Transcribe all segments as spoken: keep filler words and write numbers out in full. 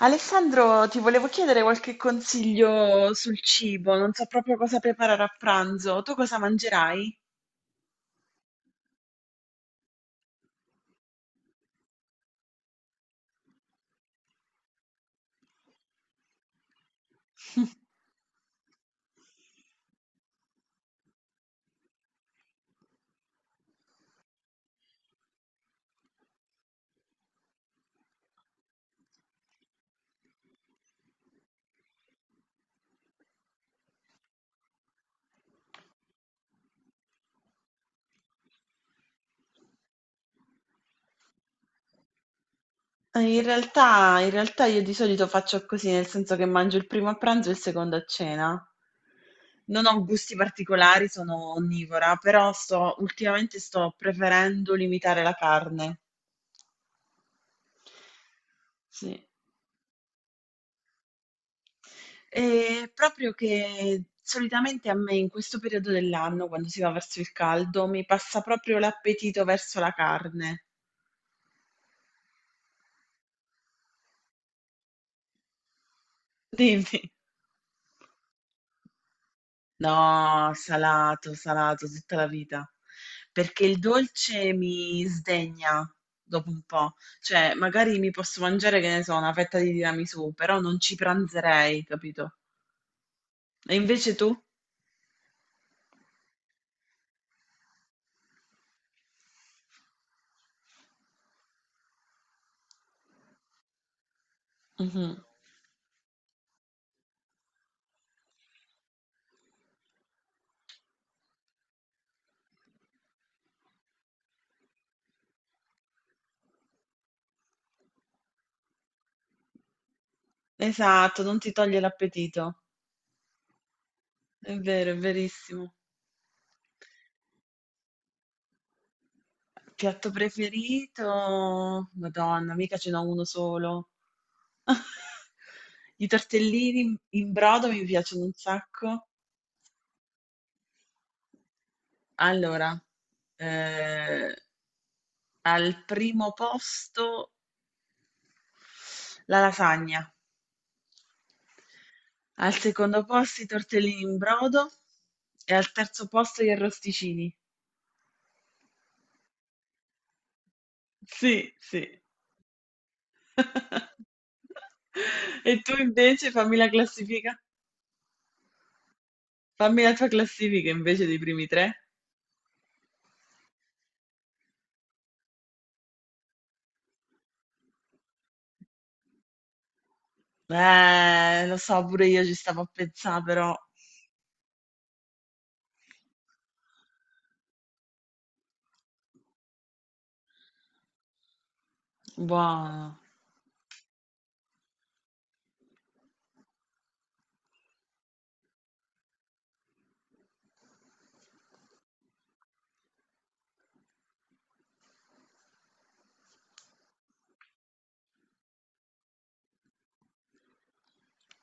Alessandro, ti volevo chiedere qualche consiglio sul cibo, non so proprio cosa preparare a pranzo. Tu cosa mangerai? Eh, In realtà, in realtà io di solito faccio così, nel senso che mangio il primo a pranzo e il secondo a cena. Non ho gusti particolari, sono onnivora, però sto, ultimamente sto preferendo limitare la carne. Ehm, proprio che solitamente a me in questo periodo dell'anno, quando si va verso il caldo, mi passa proprio l'appetito verso la carne. Dimmi. No, salato, salato tutta la vita, perché il dolce mi sdegna dopo un po', cioè magari mi posso mangiare, che ne so, una fetta di tiramisù, però non ci pranzerei, capito? E invece tu? Mhm. Esatto, non ti toglie l'appetito, è vero, è verissimo. Piatto preferito? Madonna, mica ce n'ho uno solo. I tortellini in in brodo mi piacciono un sacco. Allora, eh, al primo posto la lasagna, al secondo posto i tortellini in brodo e al terzo posto gli arrosticini. Sì, sì. E tu invece fammi la classifica, fammi la tua classifica invece dei primi tre. Eh, lo so, pure io ci stavo a pensare, però. Buono.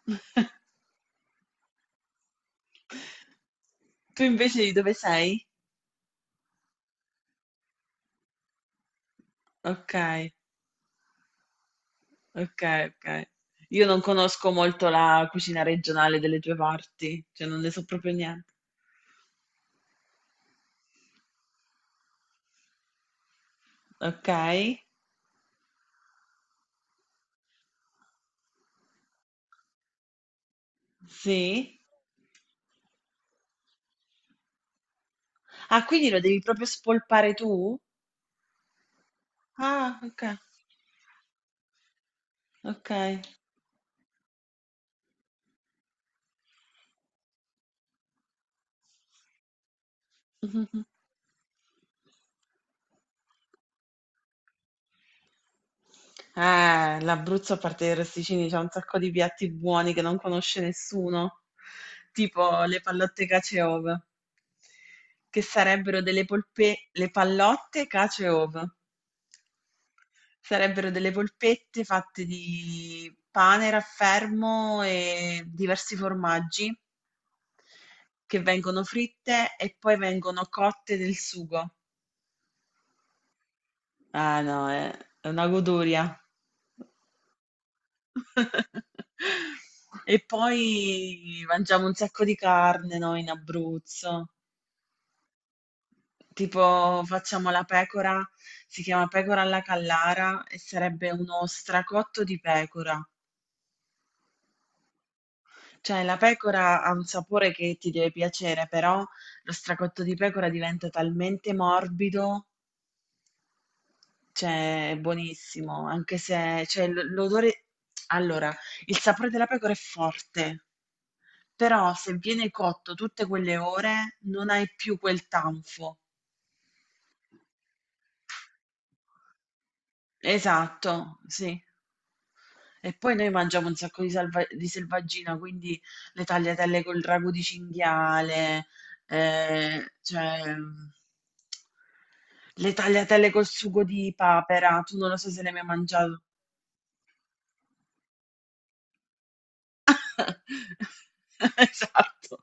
Tu invece di dove sei? Ok, ok, ok. Io non conosco molto la cucina regionale delle tue parti, cioè non ne so proprio niente. Ok, sì. Ah, quindi lo devi proprio spolpare tu? Ah, ok, ok. Eh, l'Abruzzo, a parte i rosticini, c'è un sacco di piatti buoni che non conosce nessuno, tipo le pallotte caciove. Che sarebbero delle polpe le pallotte, cacio e ovo. Sarebbero delle polpette fatte di pane, raffermo e diversi formaggi che vengono fritte e poi vengono cotte nel sugo. Ah no, è è una goduria. E poi mangiamo un sacco di carne noi in Abruzzo. Tipo facciamo la pecora, si chiama pecora alla Callara e sarebbe uno stracotto di pecora. Cioè la pecora ha un sapore che ti deve piacere, però lo stracotto di pecora diventa talmente morbido, cioè è buonissimo, anche se cioè, l- l'odore... Allora, il sapore della pecora è forte, però se viene cotto tutte quelle ore non hai più quel tanfo. Esatto, sì. E poi noi mangiamo un sacco di, salva- di selvaggina, quindi le tagliatelle col ragù di cinghiale, eh, cioè mm, le tagliatelle col sugo di papera. Tu non lo so se le hai mai mangiato. Esatto.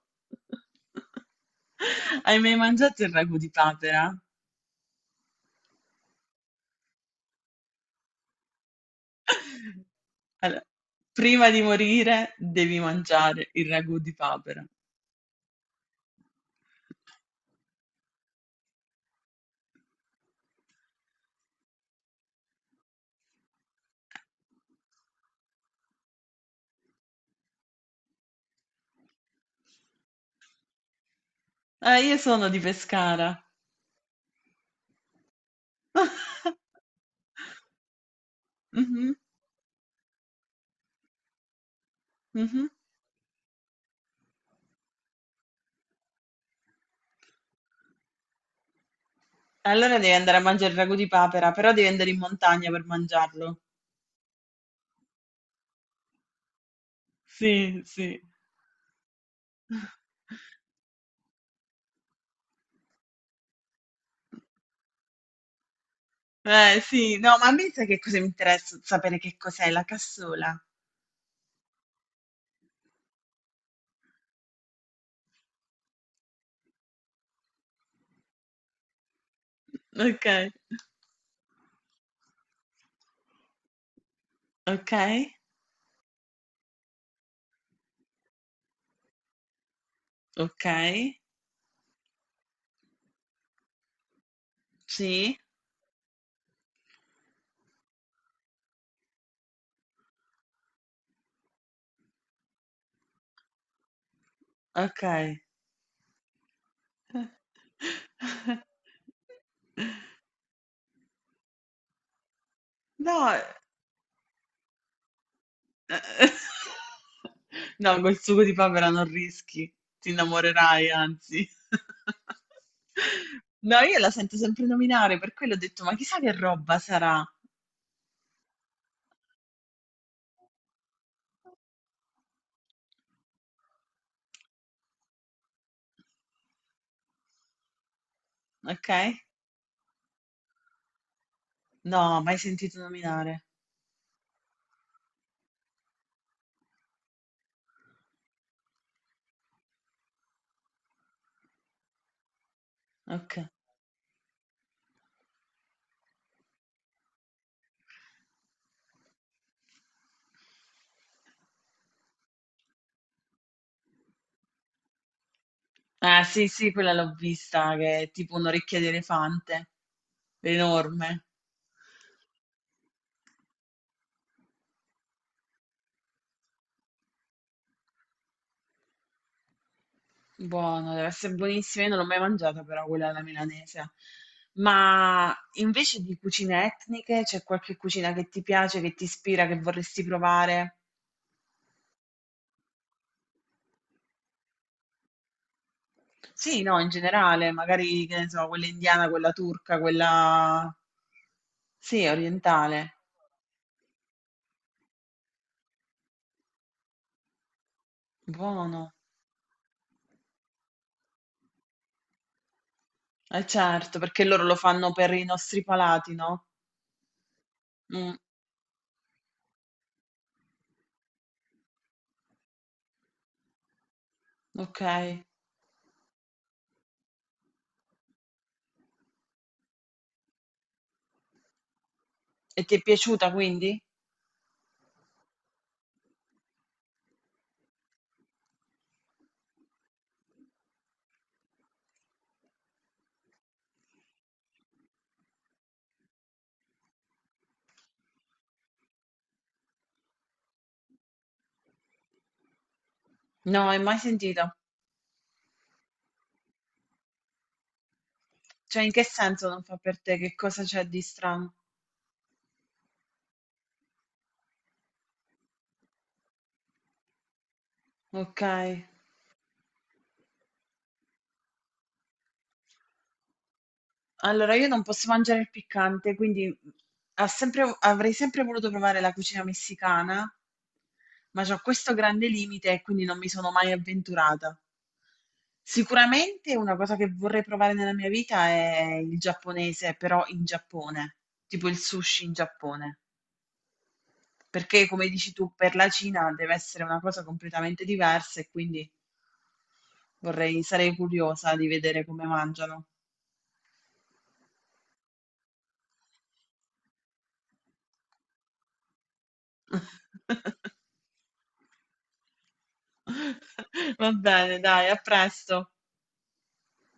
Hai mai mangiato il ragù di papera? Allora, prima di morire devi mangiare il ragù di papera. Eh, io sono di Pescara. Mhm, mhm. Allora devi andare a mangiare il ragù di papera, però devi andare in montagna per mangiarlo. Sì, sì. Eh sì, no, ma a me sai che cosa mi interessa sapere che cos'è la cassola. Ok. Ok, ok, sì, ok. No, No, col sugo di papera non rischi, ti innamorerai, anzi. No, io la sento sempre nominare, per quello ho detto, ma chissà che roba sarà, ok? No, mai sentito nominare. Ok. Ah, sì, sì, quella l'ho vista, che è tipo un'orecchia di elefante, enorme. Buono, deve essere buonissima. Io non l'ho mai mangiata, però quella alla milanese. Ma invece di cucine etniche, c'è qualche cucina che ti piace, che ti ispira, che vorresti provare? Sì, no, in generale, magari, che ne so, quella indiana, quella turca, quella... Sì, orientale. Buono. Eh certo, perché loro lo fanno per i nostri palati, no? Mm, ok. E ti è piaciuta quindi? No, hai mai sentita? Cioè, in che senso non fa per te? Che cosa c'è di strano? Ok, allora io non posso mangiare il piccante, quindi ha sempre- avrei sempre voluto provare la cucina messicana, ma c'ho questo grande limite e quindi non mi sono mai avventurata. Sicuramente una cosa che vorrei provare nella mia vita è il giapponese, però in Giappone, tipo il sushi in Giappone, perché come dici tu, per la Cina deve essere una cosa completamente diversa e quindi vorrei, sarei curiosa di vedere come mangiano. Va bene, dai, a presto.